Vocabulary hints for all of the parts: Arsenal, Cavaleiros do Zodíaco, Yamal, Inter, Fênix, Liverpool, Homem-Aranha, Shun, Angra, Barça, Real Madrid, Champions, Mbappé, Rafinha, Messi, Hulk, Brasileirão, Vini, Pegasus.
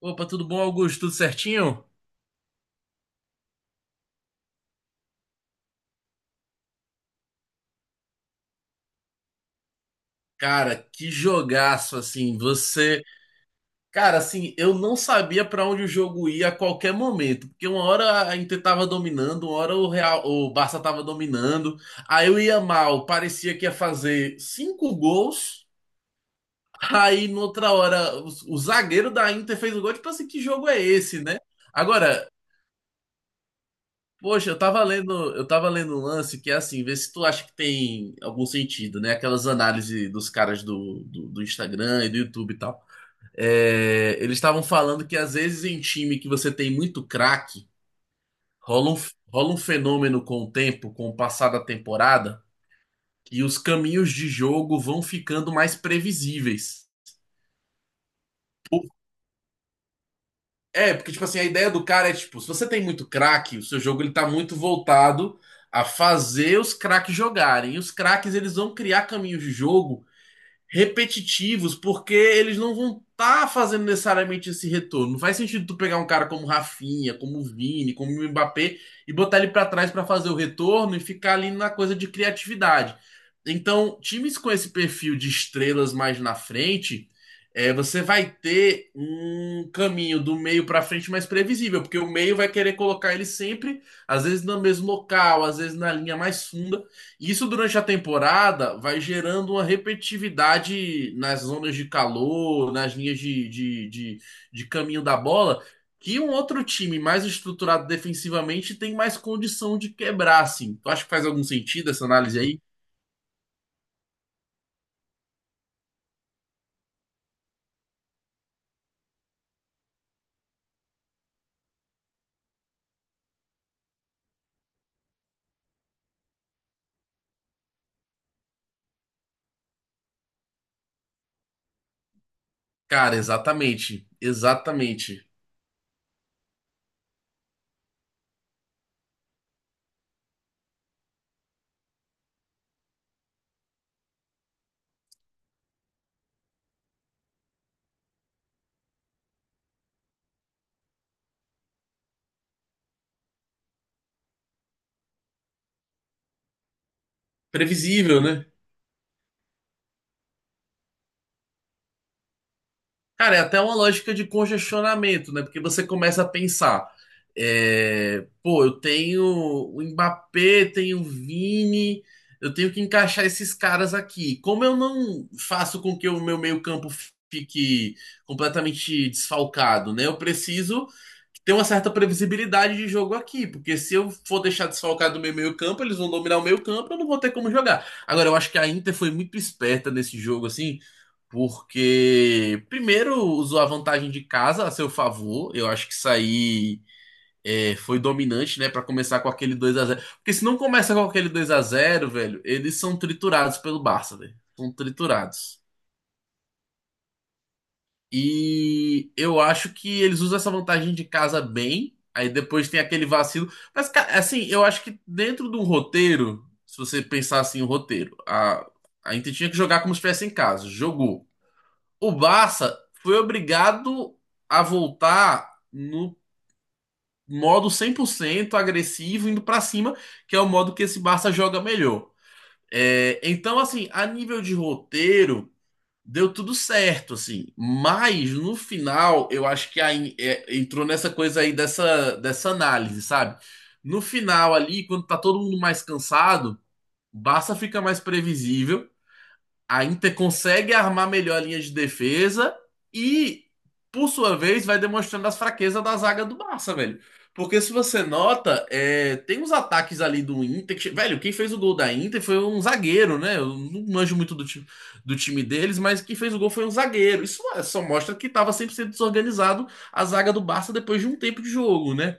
Opa, tudo bom, Augusto? Tudo certinho? Cara, que jogaço, assim, você. Cara, assim, eu não sabia pra onde o jogo ia a qualquer momento, porque uma hora a Inter tava dominando, uma hora o Real, o Barça tava dominando, aí eu ia mal, parecia que ia fazer cinco gols, aí noutra hora o zagueiro da Inter fez o gol, tipo assim, que jogo é esse, né? Agora. Poxa, eu tava lendo um lance que é assim, vê se tu acha que tem algum sentido, né? Aquelas análises dos caras do Instagram e do YouTube e tal. É, eles estavam falando que às vezes em time que você tem muito craque, rola um, rola um fenômeno com o tempo, com o passar da temporada, e os caminhos de jogo vão ficando mais previsíveis. É, porque, tipo assim, a ideia do cara é, tipo, se você tem muito craque, o seu jogo ele tá muito voltado a fazer os craques jogarem. E os craques, eles vão criar caminhos de jogo repetitivos, porque eles não vão estar tá fazendo necessariamente esse retorno. Não faz sentido tu pegar um cara como Rafinha, como Vini, como Mbappé e botar ele para trás para fazer o retorno e ficar ali na coisa de criatividade. Então, times com esse perfil de estrelas mais na frente, é, você vai ter um caminho do meio para frente mais previsível, porque o meio vai querer colocar ele sempre, às vezes no mesmo local, às vezes na linha mais funda. Isso durante a temporada vai gerando uma repetitividade nas zonas de calor, nas linhas de caminho da bola, que um outro time mais estruturado defensivamente tem mais condição de quebrar, assim. Tu acha que faz algum sentido essa análise aí? Cara, exatamente. Exatamente. Previsível, né? Cara, é até uma lógica de congestionamento, né? Porque você começa a pensar, é, pô, eu tenho o Mbappé, tenho o Vini, eu tenho que encaixar esses caras aqui. Como eu não faço com que o meu meio-campo fique completamente desfalcado, né? Eu preciso ter uma certa previsibilidade de jogo aqui, porque se eu for deixar desfalcado o meu meio-campo, eles vão dominar o meio-campo, eu não vou ter como jogar. Agora, eu acho que a Inter foi muito esperta nesse jogo, assim, porque, primeiro, usou a vantagem de casa a seu favor. Eu acho que isso aí é, foi dominante, né? Pra começar com aquele 2-0. Porque se não começa com aquele 2-0, velho, eles são triturados pelo Barça, velho. São triturados. E eu acho que eles usam essa vantagem de casa bem. Aí depois tem aquele vacilo. Mas, cara, assim, eu acho que dentro de um roteiro, se você pensar assim, o roteiro, a Inter tinha que jogar como se estivesse em casa. Jogou. O Barça foi obrigado a voltar no modo 100% agressivo, indo pra cima, que é o modo que esse Barça joga melhor. Então, assim, a nível de roteiro, deu tudo certo, assim. Mas, no final, eu acho que aí, é, entrou nessa coisa aí dessa análise, sabe? No final ali, quando tá todo mundo mais cansado, o Barça fica mais previsível, a Inter consegue armar melhor a linha de defesa e, por sua vez, vai demonstrando as fraquezas da zaga do Barça, velho. Porque se você nota, é, tem uns ataques ali do Inter. Que che- velho, quem fez o gol da Inter foi um zagueiro, né? Eu não manjo muito do time deles, mas quem fez o gol foi um zagueiro. Isso é, só mostra que tava 100% desorganizado a zaga do Barça depois de um tempo de jogo, né?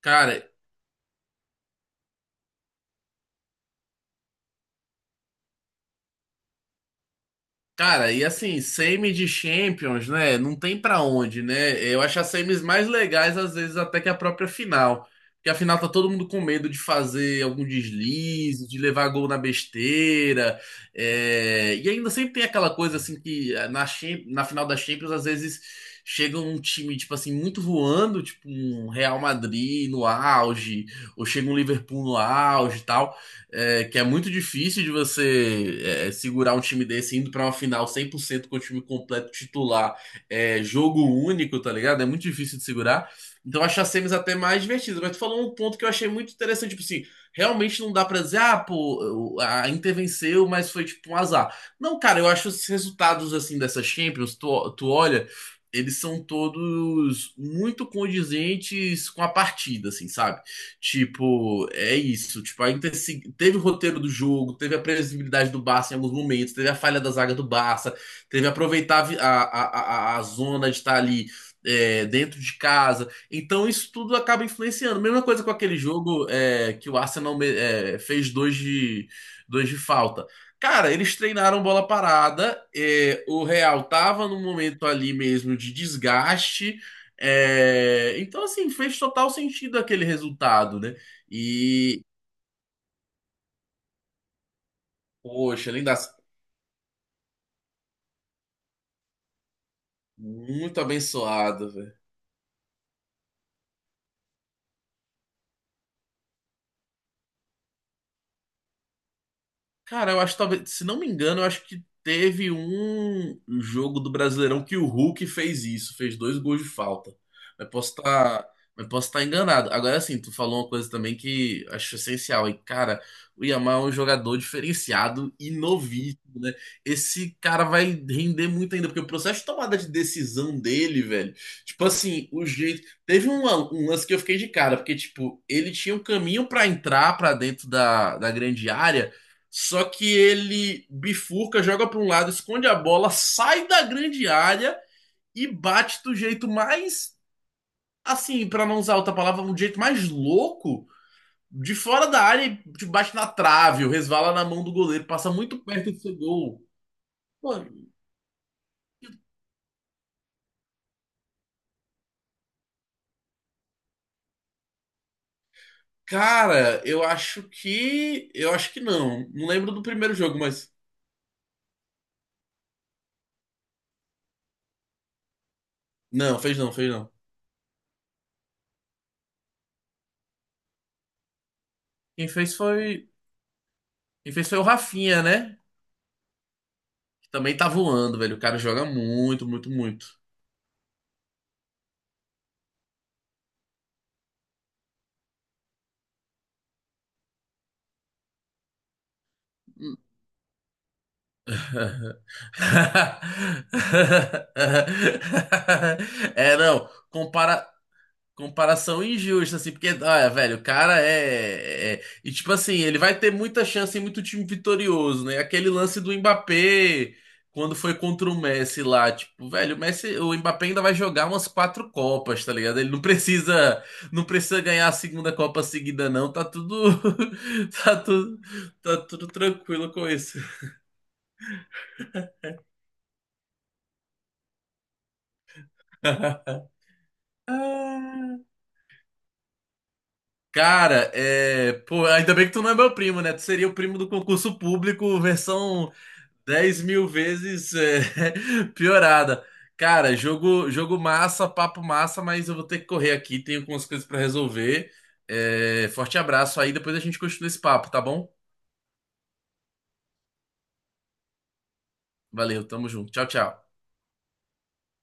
Cara, Cara, e assim, semi de Champions, né? Não tem pra onde, né? Eu acho as semis mais legais, às vezes, até que a própria final. Porque a final tá todo mundo com medo de fazer algum deslize, de levar gol na besteira. E ainda sempre tem aquela coisa, assim, que na final da Champions, às vezes, chega um time, tipo assim, muito voando, tipo um Real Madrid no auge, ou chega um Liverpool no auge e tal, é, que é muito difícil de você segurar um time desse indo pra uma final 100% com o time completo titular, é, jogo único, tá ligado? É muito difícil de segurar. Então eu acho as semis até mais divertidas. Mas tu falou um ponto que eu achei muito interessante, tipo assim, realmente não dá pra dizer, ah, pô, a Inter venceu, mas foi tipo um azar. Não, cara, eu acho os resultados assim dessas Champions, tu, tu olha, eles são todos muito condizentes com a partida, assim, sabe? Tipo, é isso. Tipo, ainda se- teve o roteiro do jogo, teve a previsibilidade do Barça em alguns momentos, teve a falha da zaga do Barça, teve aproveitar a, vi- a zona de estar ali, é, dentro de casa. Então, isso tudo acaba influenciando. Mesma coisa com aquele jogo, é, que o Arsenal fez dois de falta. Cara, eles treinaram bola parada, é, o Real tava num momento ali mesmo de desgaste. É, então, assim, fez total sentido aquele resultado, né? E, poxa, linda, muito abençoado, velho. Cara, eu acho que, talvez, se não me engano, eu acho que teve um jogo do Brasileirão que o Hulk fez isso, fez dois gols de falta. Mas posso estar, mas posso estar enganado. Agora sim, tu falou uma coisa também que acho essencial. E cara, o Yamal é um jogador diferenciado e novíssimo, né? Esse cara vai render muito ainda, porque o processo de tomada de decisão dele, velho, tipo assim, o jeito Teve um, lan- um lance que eu fiquei de cara, porque, tipo, ele tinha um caminho pra entrar pra dentro da, da grande área, só que ele bifurca, joga para um lado, esconde a bola, sai da grande área e bate do jeito mais, assim, para não usar outra palavra, um jeito mais louco, de fora da área e tipo, bate na trave, ou resvala na mão do goleiro, passa muito perto do seu gol. Pô, cara, eu acho que não. Não lembro do primeiro jogo, mas não, fez não, fez não. Quem fez foi, quem fez foi o Rafinha, né? Que também tá voando, velho. O cara joga muito, muito, muito. É, não, compara, comparação injusta, assim, porque, olha, velho, o cara e, tipo assim, ele vai ter muita chance e muito time vitorioso, né? Aquele lance do Mbappé, quando foi contra o Messi lá, tipo, velho, o Messi, o Mbappé ainda vai jogar umas quatro Copas, tá ligado? Ele não precisa ganhar a segunda Copa seguida, não, tá tudo, tá tudo, tá tudo tranquilo com isso. Cara, é. Pô, ainda bem que tu não é meu primo, né? Tu seria o primo do concurso público, versão 10.000 vezes piorada. Cara, jogo massa, papo massa, mas eu vou ter que correr aqui, tenho algumas coisas pra resolver. Forte abraço aí, depois a gente continua esse papo, tá bom? Valeu, tamo junto. Tchau, tchau.